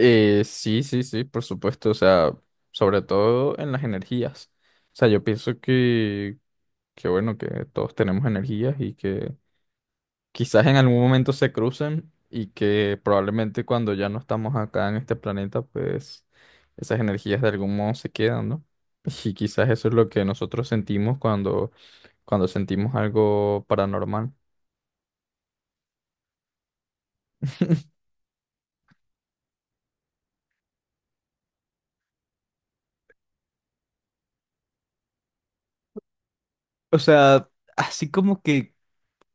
Sí, sí, sí, por supuesto, o sea, sobre todo en las energías. O sea, yo pienso que bueno, que todos tenemos energías y que quizás en algún momento se crucen y que probablemente cuando ya no estamos acá en este planeta, pues esas energías de algún modo se quedan, ¿no? Y quizás eso es lo que nosotros sentimos cuando sentimos algo paranormal. O sea, así como que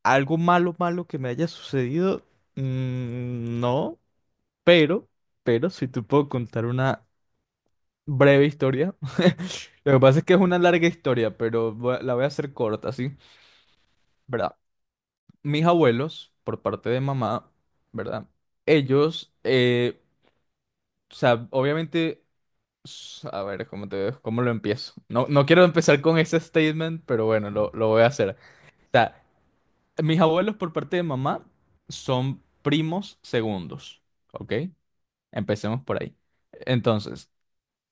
algo malo, malo que me haya sucedido, no. Pero, pero si te puedo contar una breve historia. Lo que pasa es que es una larga historia, pero la voy a hacer corta, ¿sí? ¿Verdad? Mis abuelos, por parte de mamá, ¿verdad? Ellos, o sea, obviamente, a ver, ¿cómo cómo lo empiezo? No, no quiero empezar con ese statement, pero bueno, lo voy a hacer. O sea, mis abuelos por parte de mamá son primos segundos, ¿ok? Empecemos por ahí. Entonces,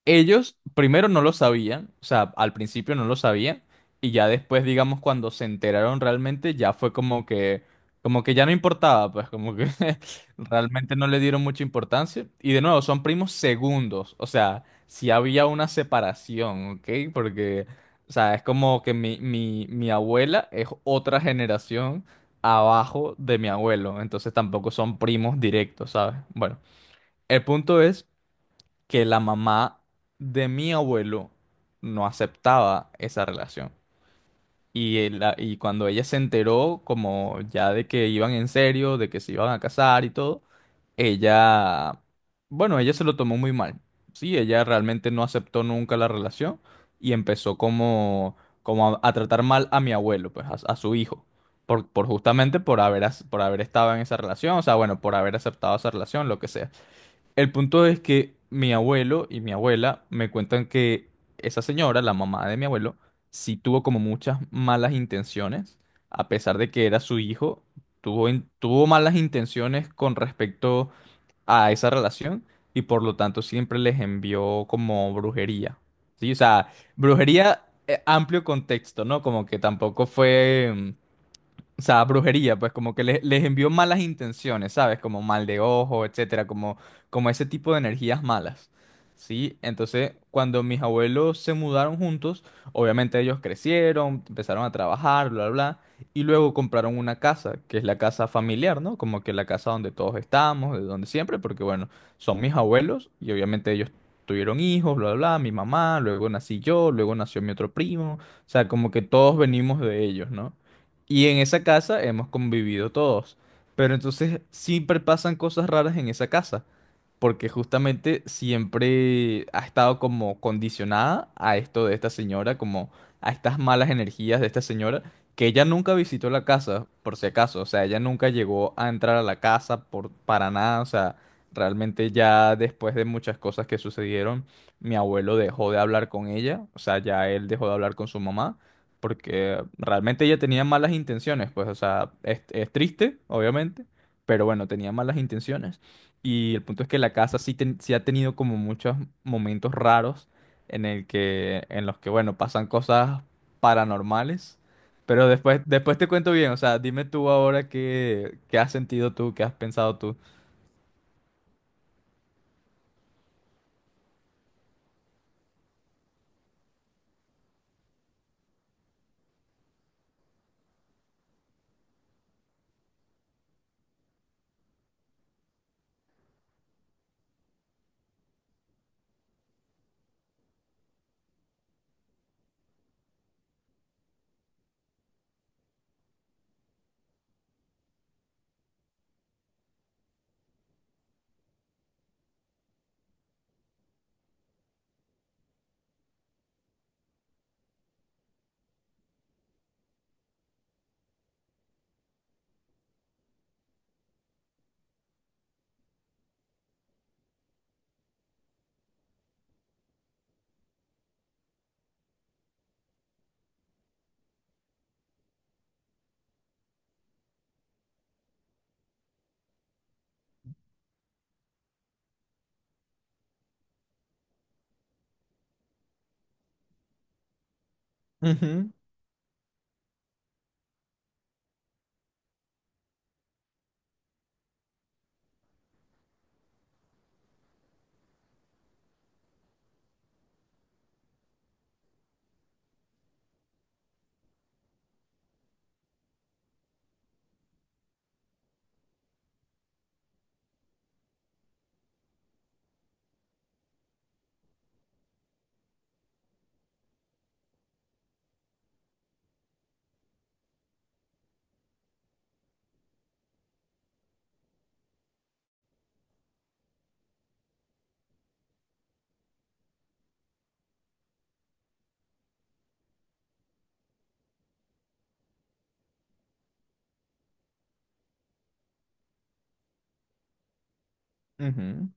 ellos primero no lo sabían, o sea, al principio no lo sabían y ya después, digamos, cuando se enteraron realmente, ya fue como como que ya no importaba, pues como que realmente no le dieron mucha importancia. Y de nuevo, son primos segundos, o sea, si había una separación, ¿ok? Porque, o sea, es como que mi abuela es otra generación abajo de mi abuelo, entonces tampoco son primos directos, ¿sabes? Bueno, el punto es que la mamá de mi abuelo no aceptaba esa relación. Y, cuando ella se enteró, como ya de que iban en serio, de que se iban a casar y todo, ella, bueno, ella se lo tomó muy mal. Sí, ella realmente no aceptó nunca la relación y empezó como a tratar mal a mi abuelo, pues a su hijo, por justamente por por haber estado en esa relación, o sea, bueno, por haber aceptado esa relación, lo que sea. El punto es que mi abuelo y mi abuela me cuentan que esa señora, la mamá de mi abuelo, sí tuvo como muchas malas intenciones, a pesar de que era su hijo, tuvo malas intenciones con respecto a esa relación y por lo tanto siempre les envió como brujería. Sí, o sea, brujería, amplio contexto, ¿no? Como que tampoco fue... o sea, brujería, pues como que les envió malas intenciones, ¿sabes? Como mal de ojo, etcétera, como, como ese tipo de energías malas. ¿Sí? Entonces, cuando mis abuelos se mudaron juntos, obviamente ellos crecieron, empezaron a trabajar, bla, bla, bla, y luego compraron una casa, que es la casa familiar, ¿no? Como que la casa donde todos estamos, de donde siempre, porque bueno, son mis abuelos y obviamente ellos tuvieron hijos, bla, bla, bla, mi mamá, luego nací yo, luego nació mi otro primo, o sea, como que todos venimos de ellos, ¿no? Y en esa casa hemos convivido todos. Pero entonces siempre pasan cosas raras en esa casa. Porque justamente siempre ha estado como condicionada a esto de esta señora, como a estas malas energías de esta señora, que ella nunca visitó la casa, por si acaso. O sea, ella nunca llegó a entrar a la casa para nada. O sea, realmente ya después de muchas cosas que sucedieron, mi abuelo dejó de hablar con ella. O sea, ya él dejó de hablar con su mamá porque realmente ella tenía malas intenciones, pues, o sea, es triste, obviamente, pero bueno, tenía malas intenciones. Y el punto es que la casa sí, sí ha tenido como muchos momentos raros en el en los que, bueno, pasan cosas paranormales. Pero después, después te cuento bien, o sea, dime tú ahora qué has sentido tú, qué has pensado tú. Ujú, ujú.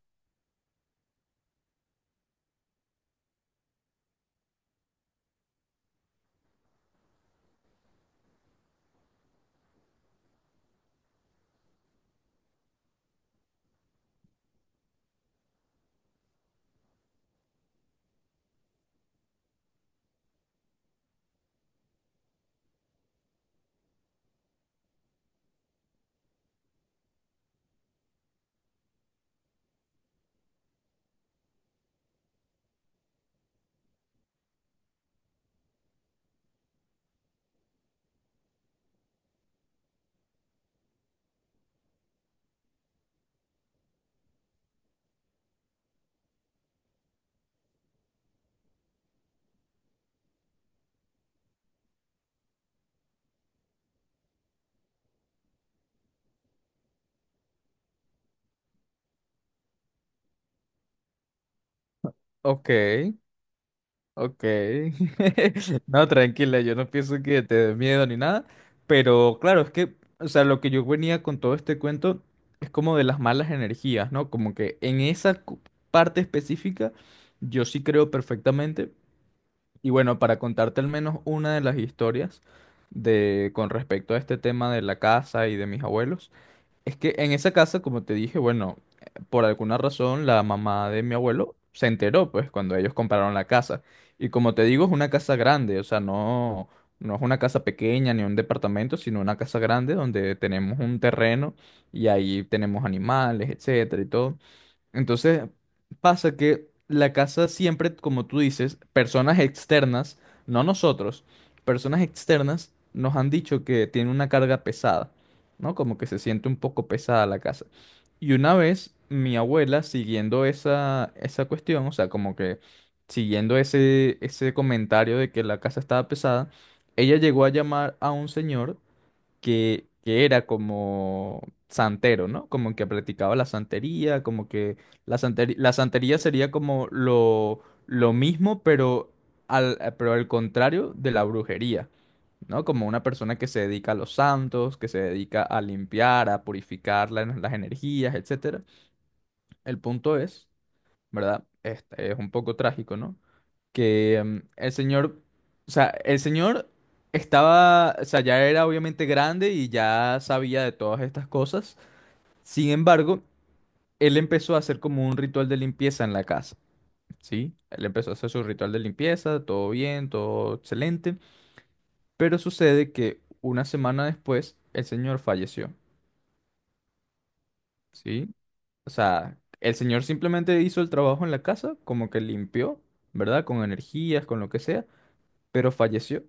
Ok. Ok. No, tranquila, yo no pienso que te dé miedo ni nada, pero claro, es que, o sea, lo que yo venía con todo este cuento es como de las malas energías, ¿no? Como que en esa parte específica yo sí creo perfectamente. Y bueno, para contarte al menos una de las historias de con respecto a este tema de la casa y de mis abuelos, es que en esa casa, como te dije, bueno, por alguna razón la mamá de mi abuelo se enteró, pues, cuando ellos compraron la casa. Y como te digo, es una casa grande, o sea, no, no es una casa pequeña ni un departamento, sino una casa grande donde tenemos un terreno y ahí tenemos animales, etcétera y todo. Entonces, pasa que la casa siempre, como tú dices, personas externas, no nosotros, personas externas nos han dicho que tiene una carga pesada, ¿no? Como que se siente un poco pesada la casa. Y una vez mi abuela, siguiendo esa cuestión, o sea, como que siguiendo ese comentario de que la casa estaba pesada, ella llegó a llamar a un señor que era como santero, ¿no? Como que practicaba la santería, como que la santería sería como lo mismo, pero pero al contrario de la brujería, ¿no? Como una persona que se dedica a los santos, que se dedica a limpiar, a purificar las energías, etcétera. El punto es, ¿verdad? Este es un poco trágico, ¿no? Que el señor, o sea, el señor estaba, o sea, ya era obviamente grande y ya sabía de todas estas cosas. Sin embargo, él empezó a hacer como un ritual de limpieza en la casa, ¿sí? Él empezó a hacer su ritual de limpieza, todo bien, todo excelente, pero sucede que una semana después el señor falleció, ¿sí? O sea, el señor simplemente hizo el trabajo en la casa, como que limpió, ¿verdad? Con energías, con lo que sea, pero falleció.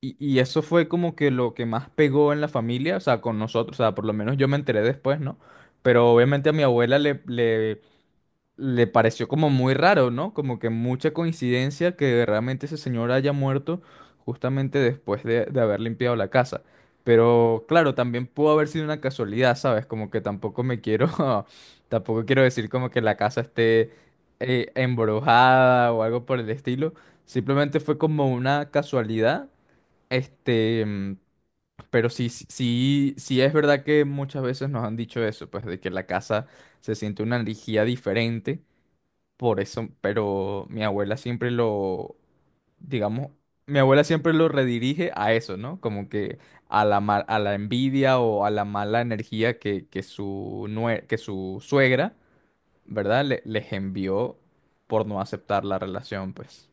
Y eso fue como que lo que más pegó en la familia, o sea, con nosotros, o sea, por lo menos yo me enteré después, ¿no? Pero obviamente a mi abuela le pareció como muy raro, ¿no? Como que mucha coincidencia que realmente ese señor haya muerto justamente después de haber limpiado la casa. Pero claro, también pudo haber sido una casualidad, ¿sabes? Como que tampoco me quiero, tampoco quiero decir como que la casa esté embrujada o algo por el estilo. Simplemente fue como una casualidad este, mm, pero sí, sí, sí es verdad que muchas veces nos han dicho eso, pues de que la casa se siente una energía diferente, por eso, pero mi abuela siempre digamos, mi abuela siempre lo redirige a eso, ¿no? Como que a a la envidia o a la mala energía que que su suegra, ¿verdad? Les envió por no aceptar la relación, pues.